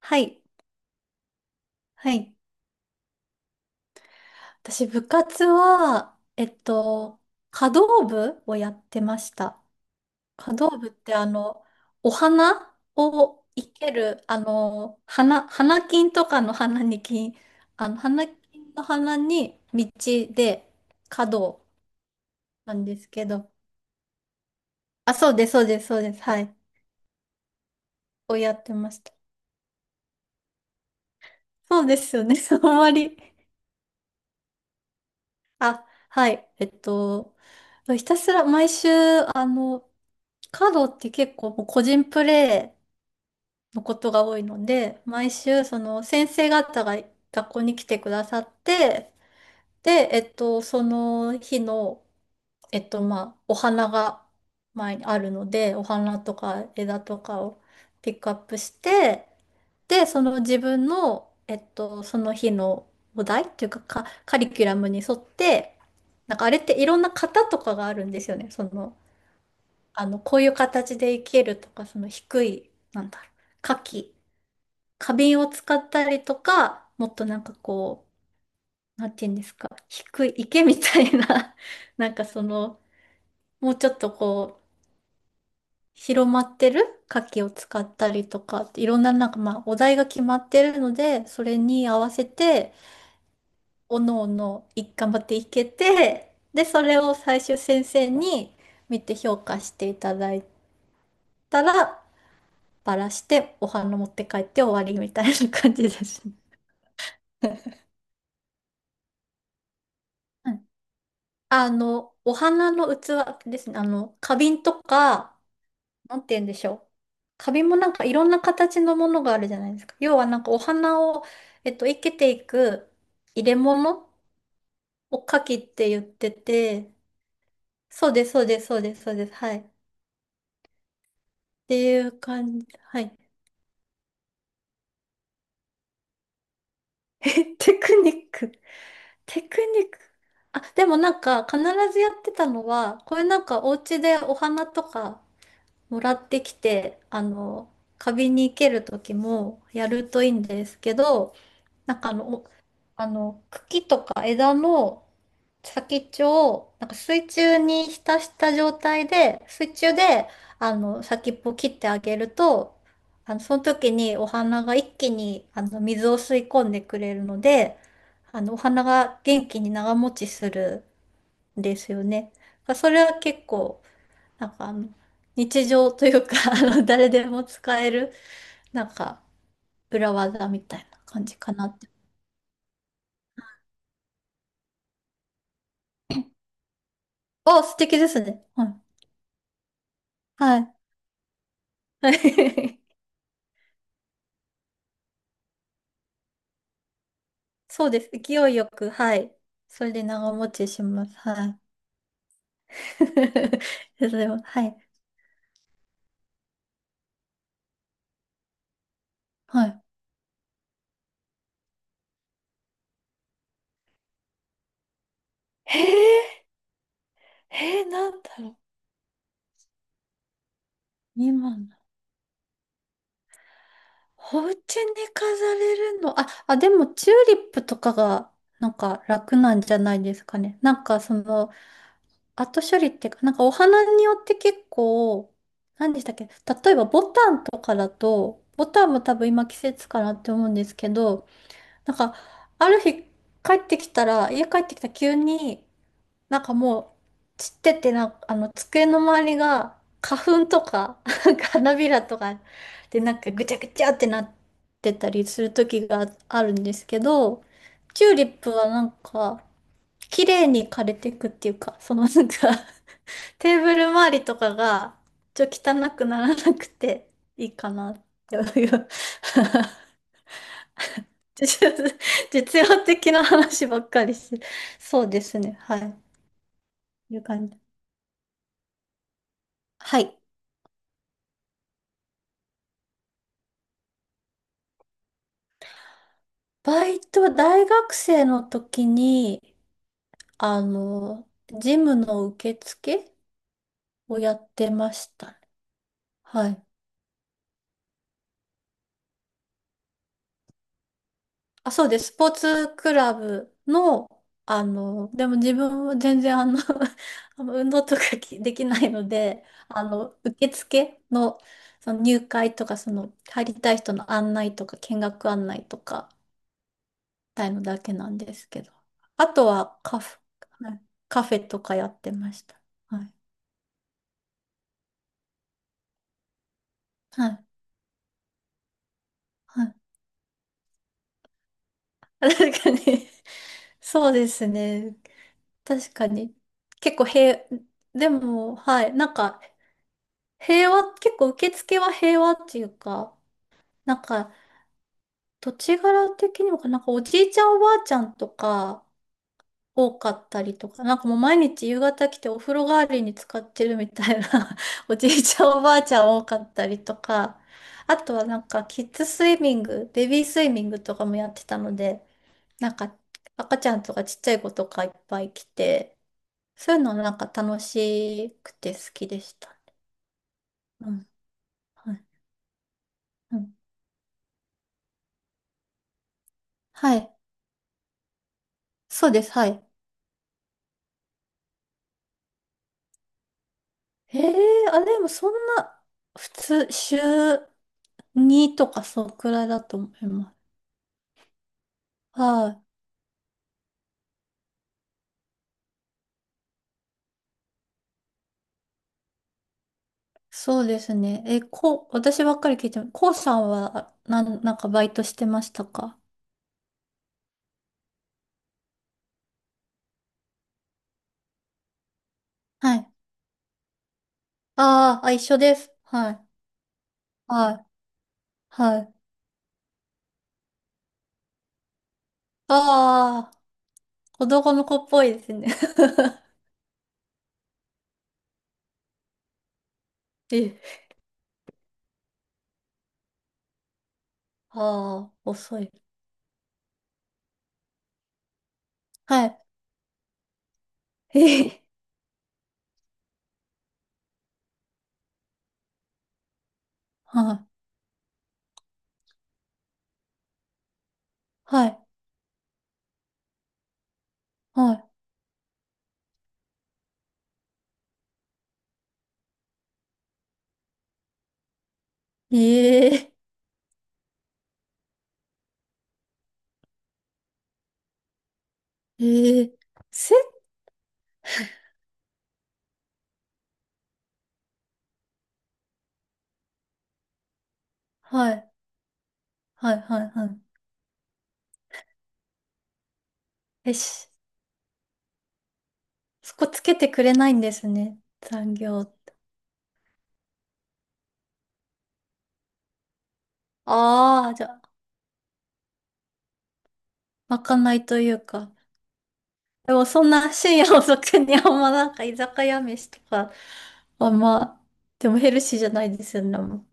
はい。はい。私、部活は、華道部をやってました。華道部って、お花を生ける、花金とかの花に金、花金の花に道で華道なんですけど、あ、そうです、そうです、そうです。はい。をやってました。そうですよね。あんまりあ、はい。ひたすら毎週、カードって結構もう個人プレイのことが多いので、毎週、その先生方が学校に来てくださって、で、その日の、まあ、お花が前にあるので、お花とか枝とかをピックアップして、で、その自分の、その日のお題っていうか、カリキュラムに沿って、なんかあれっていろんな型とかがあるんですよね。その、こういう形で生けるとか、その低い、なんだろう、花器、花瓶を使ったりとか、もっとなんかこう、なんていうんですか、低い池みたいな、なんかその、もうちょっとこう、広まってる花器を使ったりとかって、いろんななんかまあ、お題が決まってるので、それに合わせて、おのおのい頑張っていけて、で、それを最終先生に見て評価していただいたら、バラしてお花持って帰って終わりみたいな感じですね。うん。お花の器ですね。花瓶とか、なんて言うんでしょう。花瓶もなんかいろんな形のものがあるじゃないですか。要はなんかお花を、生けていく入れ物を花器って言ってて、そうです、そうです、そうです、そうです。はい。ていう感じ。はい。え、テクニック。テクニック。あ、でもなんか必ずやってたのは、これなんかお家でお花とかもらってきて、花瓶に生ける時もやるといいんですけど、なんかあの、おあの、茎とか枝の先っちょをなんか水中に浸した状態で、水中で先っぽを切ってあげると、その時にお花が一気に水を吸い込んでくれるので、お花が元気に長持ちするんですよね。だからそれは結構、なんかあの日常というか、 誰でも使える、なんか裏技みたいな感じかなって。あ、素敵ですね。はい。はい。そうです。勢いよく、はい。それで長持ちします。はい。それは、はい。はい。へえ、へえ、なんだろう。今の。お家に飾れるの。あ、あ、でも、チューリップとかが、なんか楽なんじゃないですかね。なんか、その、後処理っていうか、なんかお花によって結構、何でしたっけ。例えば、ボタンとかだと、ボタンも多分今季節かなって思うんですけど、なんか、ある日帰ってきたら、家帰ってきたら急に、なんかもう散っててな、机の周りが花粉とか、なんか花びらとかで、なんかぐちゃぐちゃってなってたりする時があるんですけど、チューリップはなんか、綺麗に枯れていくっていうか、そのなんか、 テーブル周りとかが、ちょっと汚くならなくていいかなっていう。 実実用的な話ばっかりして。そうですね。はい。いう感じ。はい。バイト、大学生の時に、あの、ジムの受付をやってましたね。はい。あ、そうです。スポーツクラブの、でも自分は全然運動とかできないので、受付の、その入会とか、その、入りたい人の案内とか、見学案内とか、たいのだけなんですけど。あとはカフェ、はいカフェとかやってました。はい。はい。はい。確かに。そうですね。確かに。結構平、でも、はい。なんか、平和、結構受付は平和っていうか、なんか、土地柄的にもかな、なんかおじいちゃんおばあちゃんとか、多かったりとか、なんかもう毎日夕方来てお風呂代わりに使ってるみたいな、 おじいちゃんおばあちゃん多かったりとか、あとはなんかキッズスイミング、ベビースイミングとかもやってたので、なんか赤ちゃんとかちっちゃい子とかいっぱい来て、そういうのなんか楽しくて好きでした。うん。はい。うん。はい。そうです。はい。ええーあ、でもそんな、普通、週2とかそのくらいだと思います。はい。そうですね。え、こう、私ばっかり聞いても、こうさんは、なんかバイトしてましたか？はい。あーあ、一緒です。はい。はい。はい。ああ、子供の子っぽいですね。え、ああ、遅い。はい。ええ、はい。はい。はい。ええ、ええ、せ、はい。はい。はい。はい。え、し、そこつけてくれないんですね。残業。ああ、じゃあ、まかないというか。でもそんな深夜遅くにあんまなんか居酒屋飯とか、あんま、でもヘルシーじゃないですよね。もう。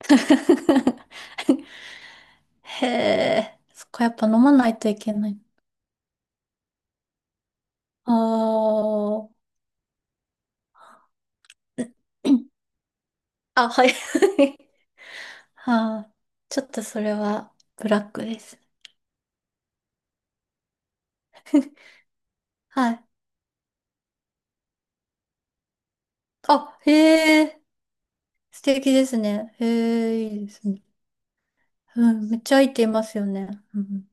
へえ、そこやっぱ飲まないといけない。あー。 あ、はい。はあ、ちょっとそれはブラックです。はい。あ、へえ、素敵ですね。へえ、いいですね。うん、めっちゃいいていますよね。うん、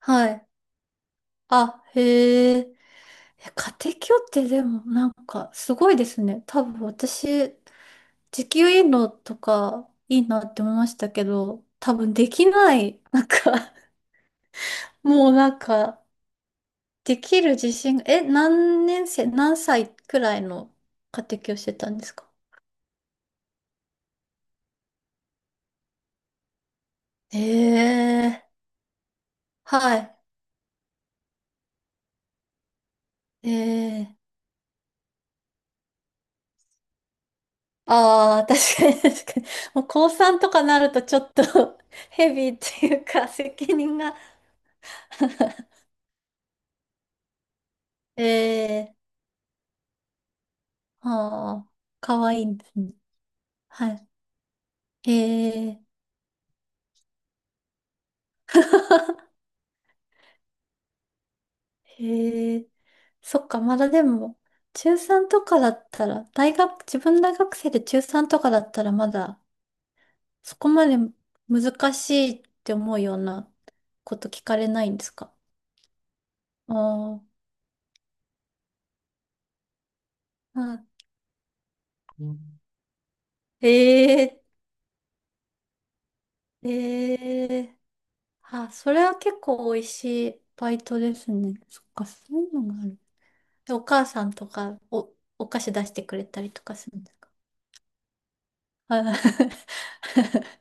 はい。あ、へえ。え家庭教ってでもなんかすごいですね。多分私、時給いいのとかいいなって思いましたけど、多分できない。なんか。 もうなんか、できる自信が、え、何年生、何歳くらいの家庭教してたんですか？ええ。はい。ええ。ああ、確かに確かに。もう高3とかなるとちょっと、 ヘビーっていうか責任が。 ええ。ああ、かわいいんですね。はい。へえ。へえ。そっか、まだでも、中3とかだったら、大学、自分大学生で中3とかだったら、まだ、そこまで難しいって思うようなこと聞かれないんですか？ああ、うん。へえ、へえ。あ、それは結構美味しいバイトですね。そっか、そういうのがある。で、お母さんとか、お菓子出してくれたりとかするんですか？はい。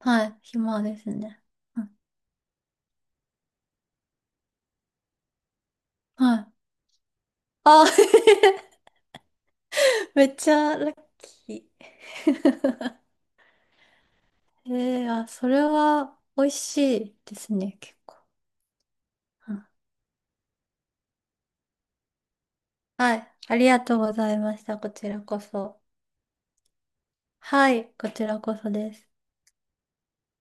はい。暇ですね。うん。はい。あ、めっちゃラッキー。あ、それは美味しいですね、結構。うん。はい。ありがとうございました。こちらこそ。はい。こちらこそです。